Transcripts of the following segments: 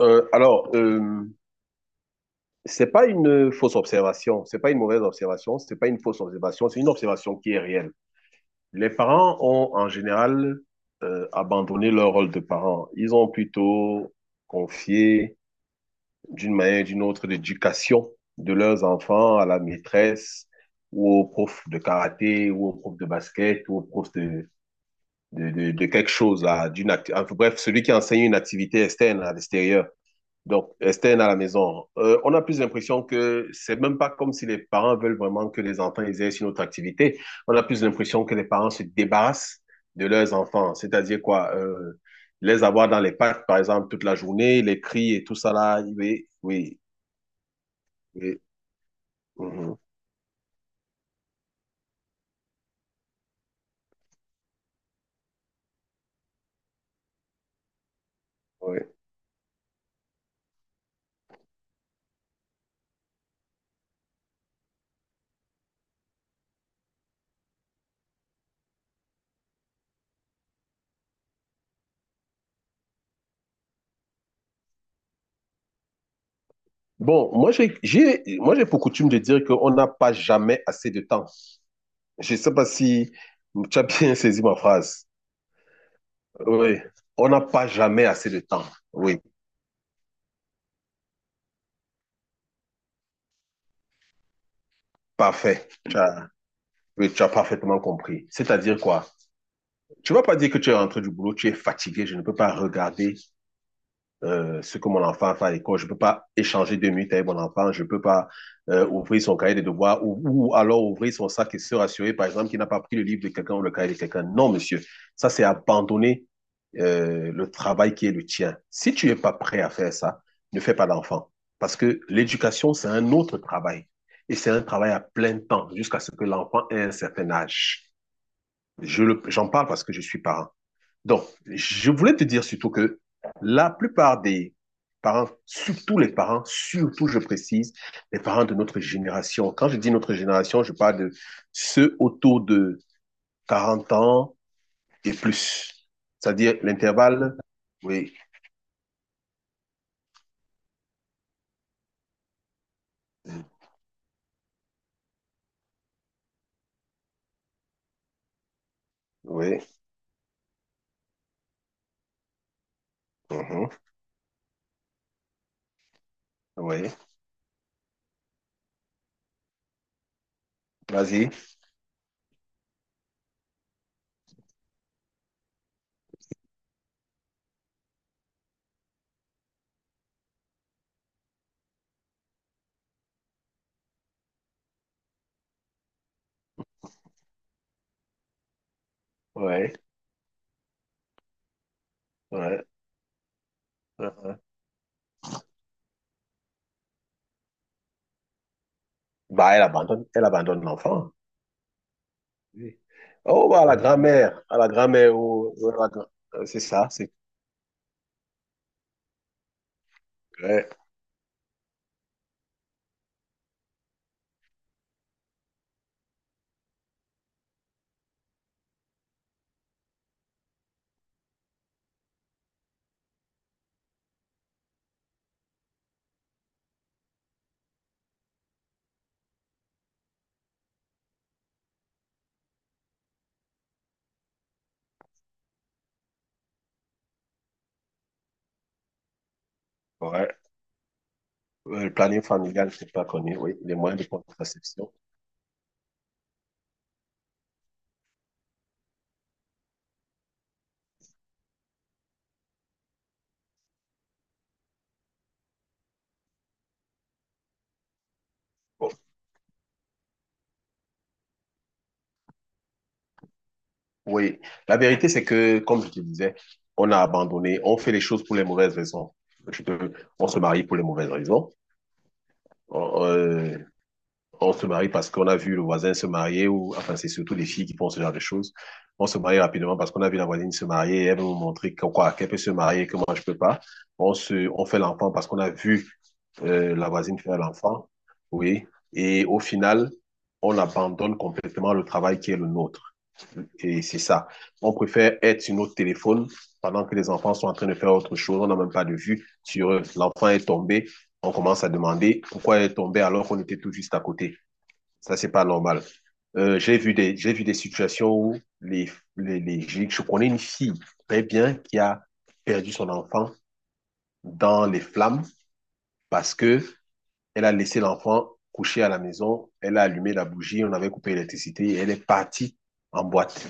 Alors, c'est pas une fausse observation, c'est pas une mauvaise observation, c'est pas une fausse observation, c'est une observation qui est réelle. Les parents ont en général abandonné leur rôle de parents. Ils ont plutôt confié d'une manière ou d'une autre l'éducation de leurs enfants à la maîtresse ou au prof de karaté ou au prof de basket ou au prof de quelque chose, là, enfin, bref, celui qui enseigne une activité externe à l'extérieur. Donc, externe à la maison, on a plus l'impression que c'est même pas comme si les parents veulent vraiment que les enfants exercent une autre activité. On a plus l'impression que les parents se débarrassent de leurs enfants. C'est-à-dire quoi? Les avoir dans les parcs, par exemple, toute la journée, les cris et tout ça là. Oui, oui, oui. Mhm, oui. Bon, moi j'ai pour coutume de dire qu'on n'a pas jamais assez de temps. Je ne sais pas si tu as bien saisi ma phrase. Oui, on n'a pas jamais assez de temps. Oui, parfait. Oui, tu as parfaitement compris. C'est-à-dire quoi? Tu vas pas dire que tu es rentré du boulot, tu es fatigué, je ne peux pas regarder ce que mon enfant fait à l'école, je peux pas échanger 2 minutes avec mon enfant, je peux pas ouvrir son cahier de devoirs ou, alors ouvrir son sac et se rassurer, par exemple, qu'il n'a pas pris le livre de quelqu'un ou le cahier de quelqu'un. Non, monsieur, ça c'est abandonner le travail qui est le tien. Si tu n'es pas prêt à faire ça, ne fais pas d'enfant. Parce que l'éducation, c'est un autre travail. Et c'est un travail à plein temps jusqu'à ce que l'enfant ait un certain âge. J'en parle parce que je suis parent. Donc, je voulais te dire surtout que la plupart des parents, surtout les parents, surtout, je précise, les parents de notre génération. Quand je dis notre génération, je parle de ceux autour de 40 ans et plus. C'est-à-dire l'intervalle. Oui, oui, mhm, oui. Vas-y. Oui, oui. Mhm. Bah, elle abandonne l'enfant. Oui. Oh, bah, la grand-mère, à la grand-mère, oh, oh, c'est ça, c'est Ouais. Le planning familial, c'est pas connu, oui. Les moyens de contraception. Bon, oui. La vérité, c'est que, comme je te disais, on a abandonné, on fait les choses pour les mauvaises raisons. Je peux- on se marie pour les mauvaises raisons. On, euh, on se marie parce qu'on a vu le voisin se marier, ou enfin, c'est surtout les filles qui font ce genre de choses. On se marie rapidement parce qu'on a vu la voisine se marier, et elle veut nous montrer quoi, qu'elle peut se marier, que moi je peux pas. On fait l'enfant parce qu'on a vu la voisine fait à l'enfant, oui. Et au final, on abandonne complètement le travail qui est le nôtre. Et c'est ça. On préfère être sur notre téléphone pendant que les enfants sont en train de faire autre chose. On n'a même pas de vue sur eux. L'enfant est tombé. On commence à demander pourquoi il est tombé alors qu'on était tout juste à côté. Ça, c'est pas normal. J'ai vu des situations où je connais une fille très bien qui a perdu son enfant dans les flammes parce que elle a laissé l'enfant couché à la maison. Elle a allumé la bougie. On avait coupé l'électricité, et elle est partie en boîte.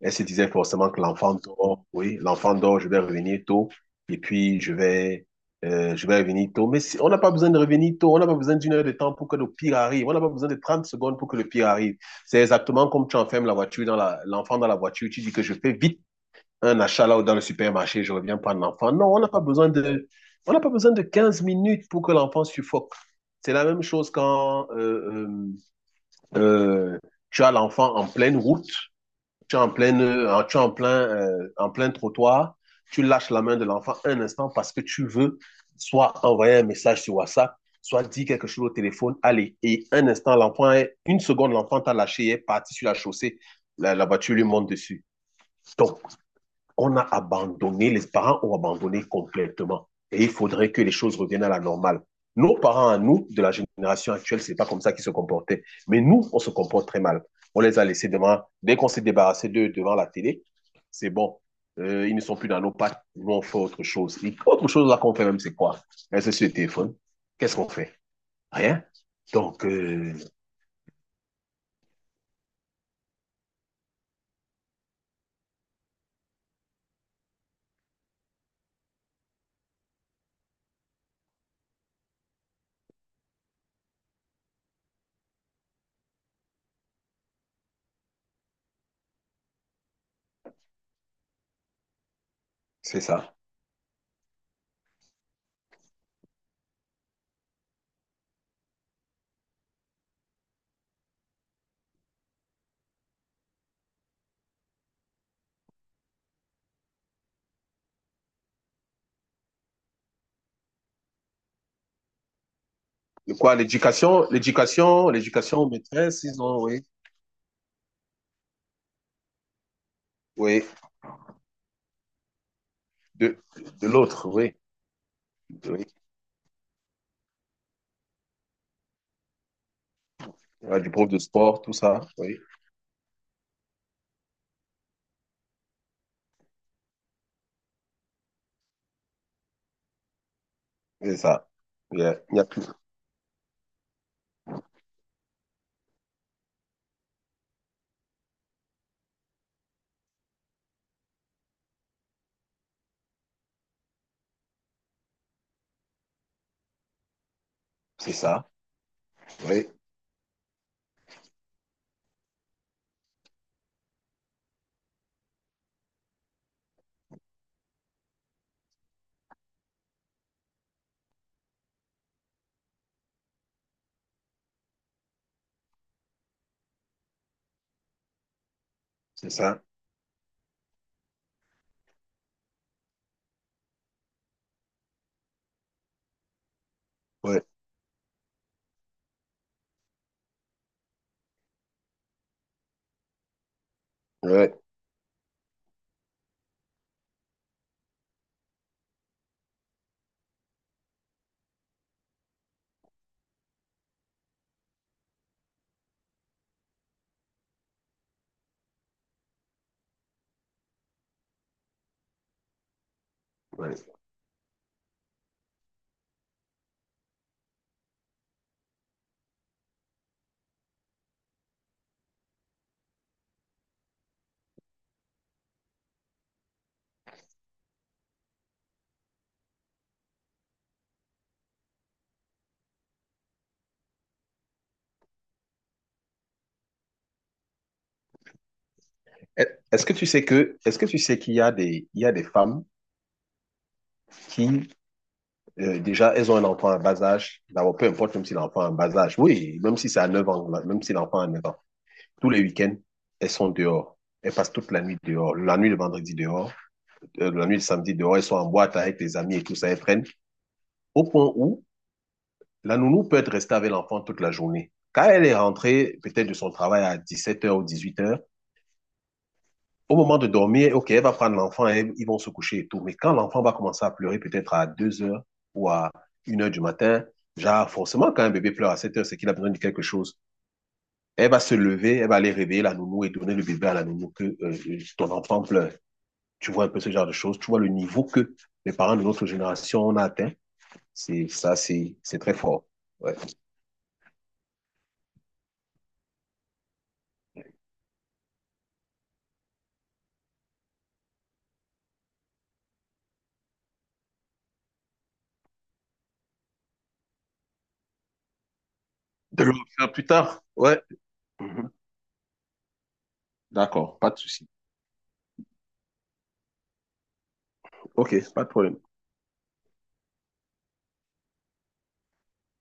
Elle se disait forcément que l'enfant dort. Oui, l'enfant dort. Je vais revenir tôt. Et puis, je vais revenir tôt. On n'a pas besoin de revenir tôt. On n'a pas besoin d'1 heure de temps pour que le pire arrive. On n'a pas besoin de 30 secondes pour que le pire arrive. C'est exactement comme tu enfermes la voiture dans l'enfant dans la voiture. Tu dis que je fais vite un achat là ou dans le supermarché. Je reviens prendre l'enfant. Non, on n'a pas besoin de, on n'a pas besoin de 15 minutes pour que l'enfant suffoque. C'est la même chose quand euh, euh, tu as l'enfant en pleine route, tu es en, pleine, tu es en plein trottoir, tu lâches la main de l'enfant un instant parce que tu veux soit envoyer un message sur WhatsApp, soit dire quelque chose au téléphone, allez. Et un instant, une seconde, l'enfant t'a lâché, est parti sur la chaussée, la voiture lui monte dessus. Donc, on a abandonné, les parents ont abandonné complètement. Et il faudrait que les choses reviennent à la normale. Nos parents à nous, de la génération actuelle, c'est pas comme ça qu'ils se comportaient. Mais nous, on se comporte très mal. On les a laissés devant, dès qu'on s'est débarrassé d'eux devant la télé, c'est bon. Ils ne sont plus dans nos pattes. Nous, on fait autre chose. Et autre chose là qu'on fait même, c'est quoi? Est-ce sur le téléphone? Qu'est-ce qu'on fait? Rien. Donc, c'est ça. De quoi? L'éducation, l'éducation, l'éducation maîtresse, ils ont, oui, oui, de, de l'autre, oui. Oui. Il y a du prof de sport, tout ça, oui, c'est ça. Il y a plus. C'est ça, oui, c'est ça, oui, oui, ouais. Est-ce que tu sais qu'il y a des femmes qui, déjà, elles ont un enfant à bas âge, d'abord, peu importe, même si l'enfant a un bas âge, oui, même si c'est à 9 ans, là, même si l'enfant a 9 ans, tous les week-ends, elles sont dehors. Elles passent toute la nuit dehors, la nuit de vendredi dehors, la nuit de samedi dehors, elles sont en boîte avec les amis et tout ça, elles prennent, au point où la nounou peut être restée avec l'enfant toute la journée. Quand elle est rentrée, peut-être de son travail à 17 heures ou 18 heures, au moment de dormir, OK, elle va prendre l'enfant et ils vont se coucher et tout. Mais quand l'enfant va commencer à pleurer peut-être à 2 heures ou à 1 heure du matin, genre forcément quand un bébé pleure à 7 heures, c'est qu'il a besoin de quelque chose. Elle va se lever, elle va aller réveiller la nounou et donner le bébé à la nounou que ton enfant pleure. Tu vois un peu ce genre de choses. Tu vois le niveau que les parents de notre génération ont atteint. C'est ça, c'est très fort. Ouais. De le refaire plus tard? Ouais. Mhm. D'accord, pas de souci. Ok, pas de problème.